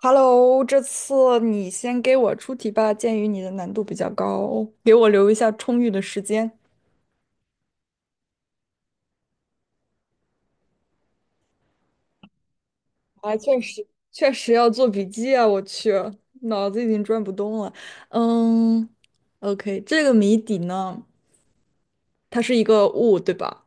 Hello，这次你先给我出题吧，鉴于你的难度比较高，给我留一下充裕的时间。啊，确实，确实要做笔记啊！我去，脑子已经转不动了。嗯，OK，这个谜底呢，它是一个物，对吧？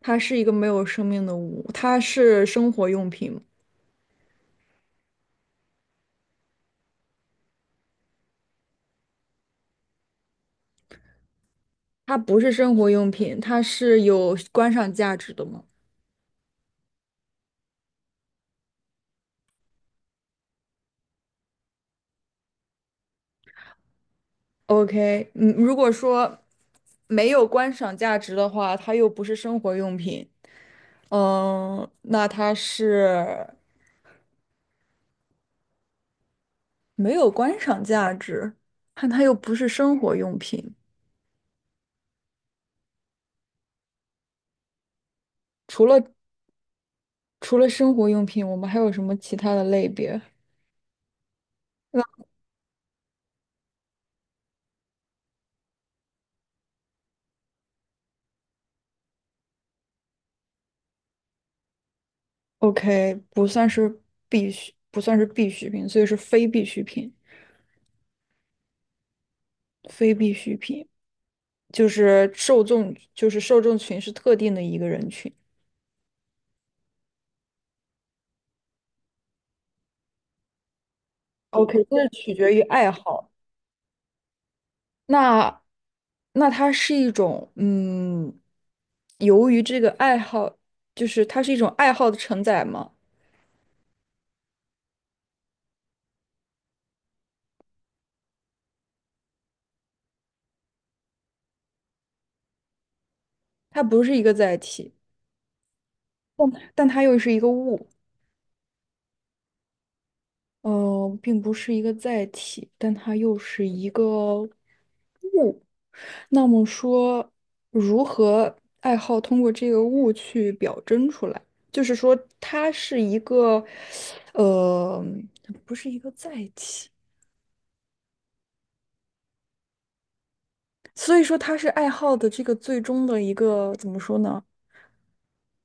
它是一个没有生命的物，它是生活用品吗？它不是生活用品，它是有观赏价值的吗？OK，嗯，如果说没有观赏价值的话，它又不是生活用品。嗯，那它是没有观赏价值，但它又不是生活用品。除了除了生活用品，我们还有什么其他的类别？那 OK，不算是必需，不算是必需品，所以是非必需品。非必需品就是受众，就是受众群是特定的一个人群。OK，这是取决于爱好。那那它是一种，由于这个爱好，就是它是一种爱好的承载吗？它不是一个载体，但但它又是一个物，并不是一个载体，但它又是一个物。那么说，如何爱好通过这个物去表征出来？就是说，它是一个，呃，不是一个载体。所以说它是爱好的这个最终的一个怎么说呢？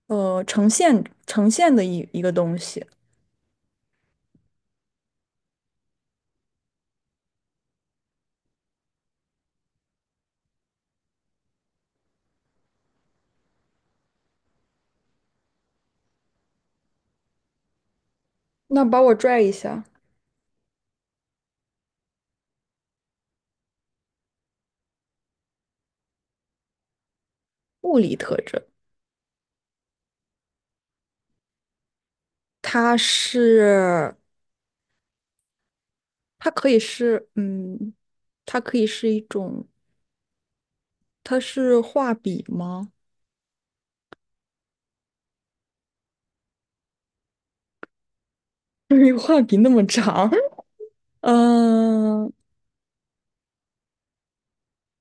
呈现的一个东西。那把我拽一下，物理特征，它是它可以是它可以是一种，它是画笔吗？因为画笔那么长，嗯，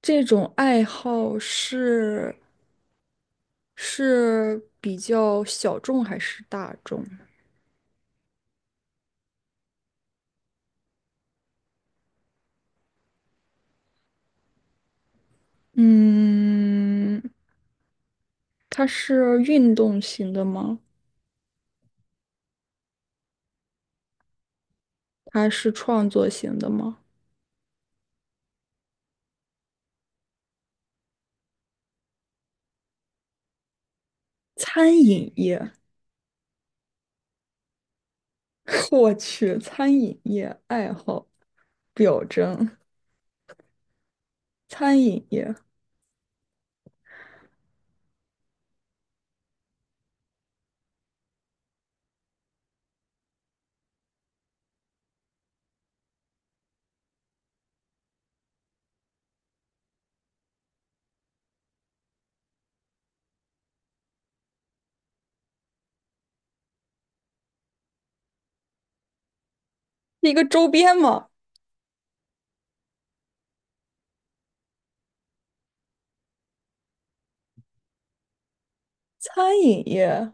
这种爱好是是比较小众还是大众？嗯，它是运动型的吗？它是创作型的吗？餐饮业，我去，餐饮业爱好表征，餐饮业是一个周边吗？餐饮业，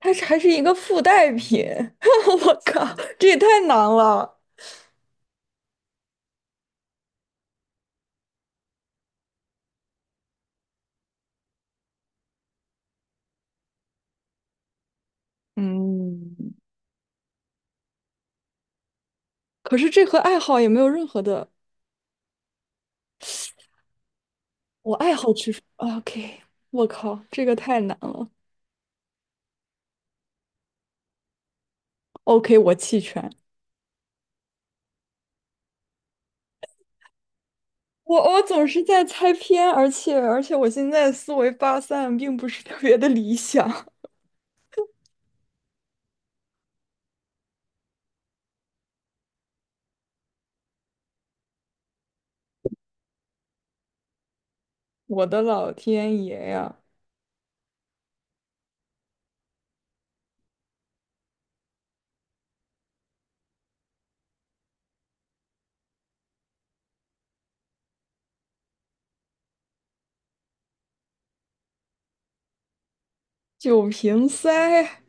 它是还是一个附带品，我靠，这也太难了。嗯，可是这和爱好也没有任何的，我爱好去 OK，我靠，这个太难了。OK，我弃权。我总是在猜偏，而且我现在思维发散并不是特别的理想。我的老天爷呀，酒瓶塞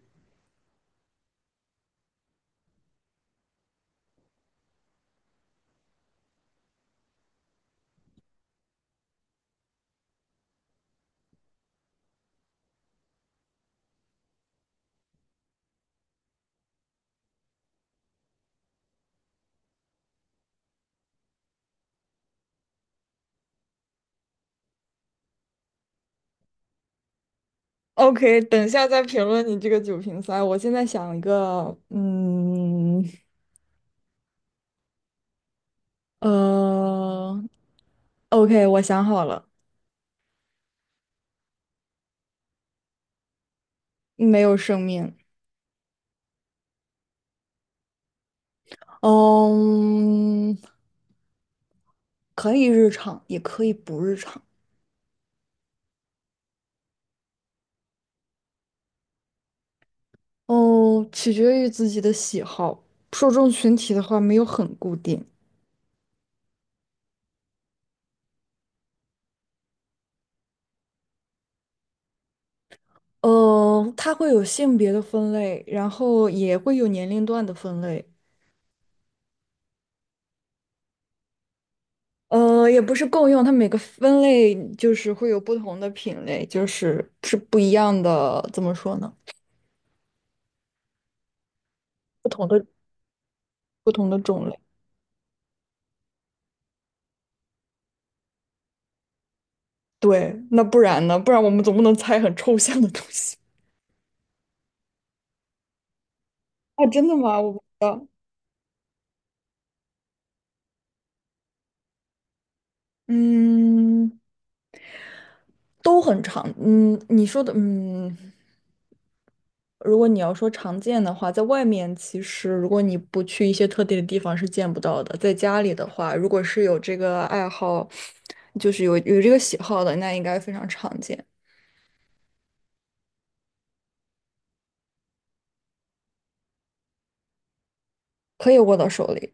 ！OK，等一下再评论你这个酒瓶塞。我现在想一个，呃，OK，我想好了，没有生命，嗯，可以日常，也可以不日常，哦，取决于自己的喜好，受众群体的话没有很固定。呃，它会有性别的分类，然后也会有年龄段的分类。呃，也不是共用，它每个分类就是会有不同的品类，就是是不一样的，怎么说呢？不同的不同的种类。对，那不然呢？不然我们总不能猜很抽象的东西。啊？真的吗？我不知道。嗯，都很长。嗯，你说的，嗯。如果你要说常见的话，在外面其实如果你不去一些特定的地方是见不到的。在家里的话，如果是有这个爱好，就是有这个喜好的，那应该非常常见，可以握到手里。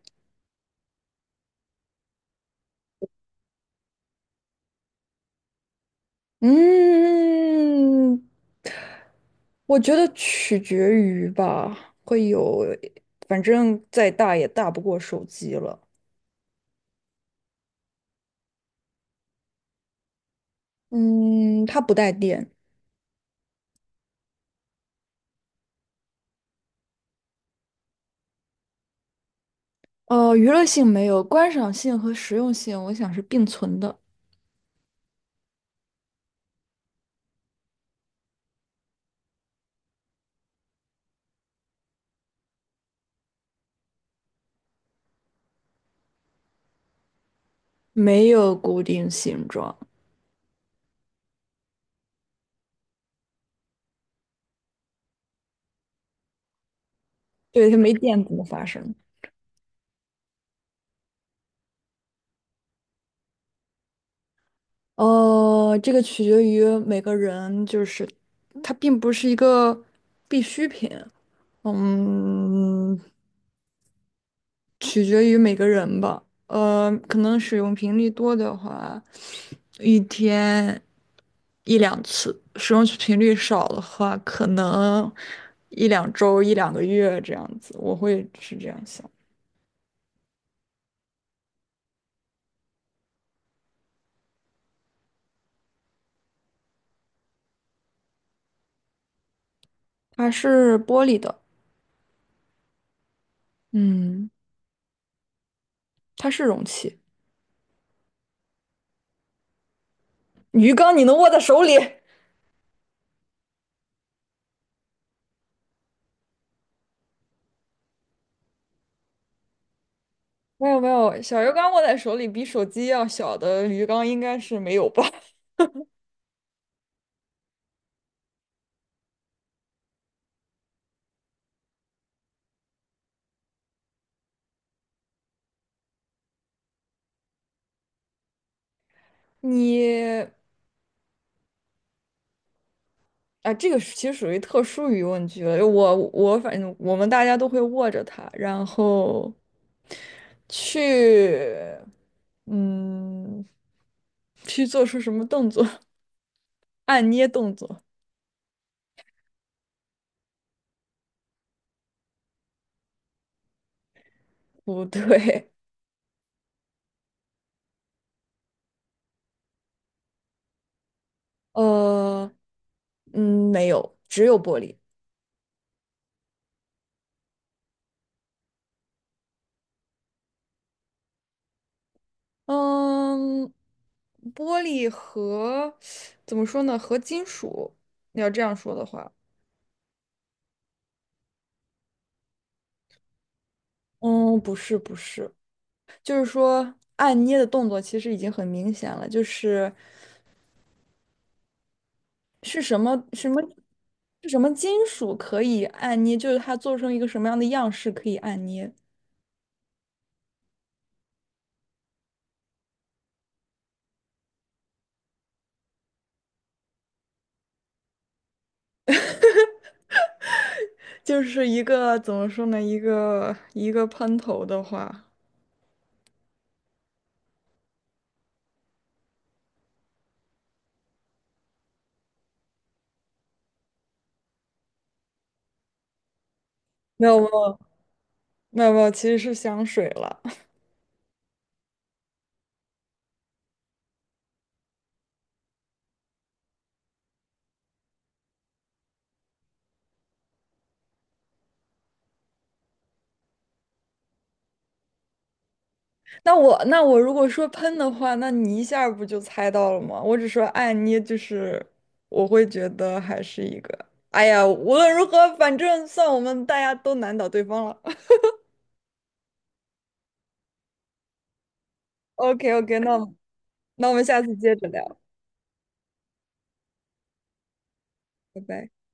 嗯，我觉得取决于吧，会有，反正再大也大不过手机了。嗯，它不带电。娱乐性没有，观赏性和实用性，我想是并存的。没有固定形状。对，它没电怎么发生。哦，这个取决于每个人，就是它并不是一个必需品，嗯，取决于每个人吧。可能使用频率多的话，一天一两次；使用频率少的话，可能一两周、一两个月这样子。我会是这样想。它是玻璃的，嗯，它是容器。鱼缸你能握在手里？没有没有，小鱼缸握在手里比手机要小的鱼缸应该是没有吧？你啊，这个是其实属于特殊疑问句了。我反正我们大家都会握着它，然后去嗯去做出什么动作？按捏动作？不对，呃没有，只有玻璃。嗯，玻璃和怎么说呢？和金属，你要这样说的话，嗯，不是不是，就是说按捏的动作其实已经很明显了，就是是什么什么是什么金属可以按捏，就是它做成一个什么样的样式可以按捏，就是一个怎么说呢？一个喷头的话，没有没有没有没有，其实是香水了。那我那我如果说喷的话，那你一下儿不就猜到了吗？我只说爱捏，就是我会觉得还是一个。哎呀，无论如何，反正算我们大家都难倒对方了。OK OK，那我们那我们下次接着聊，拜拜。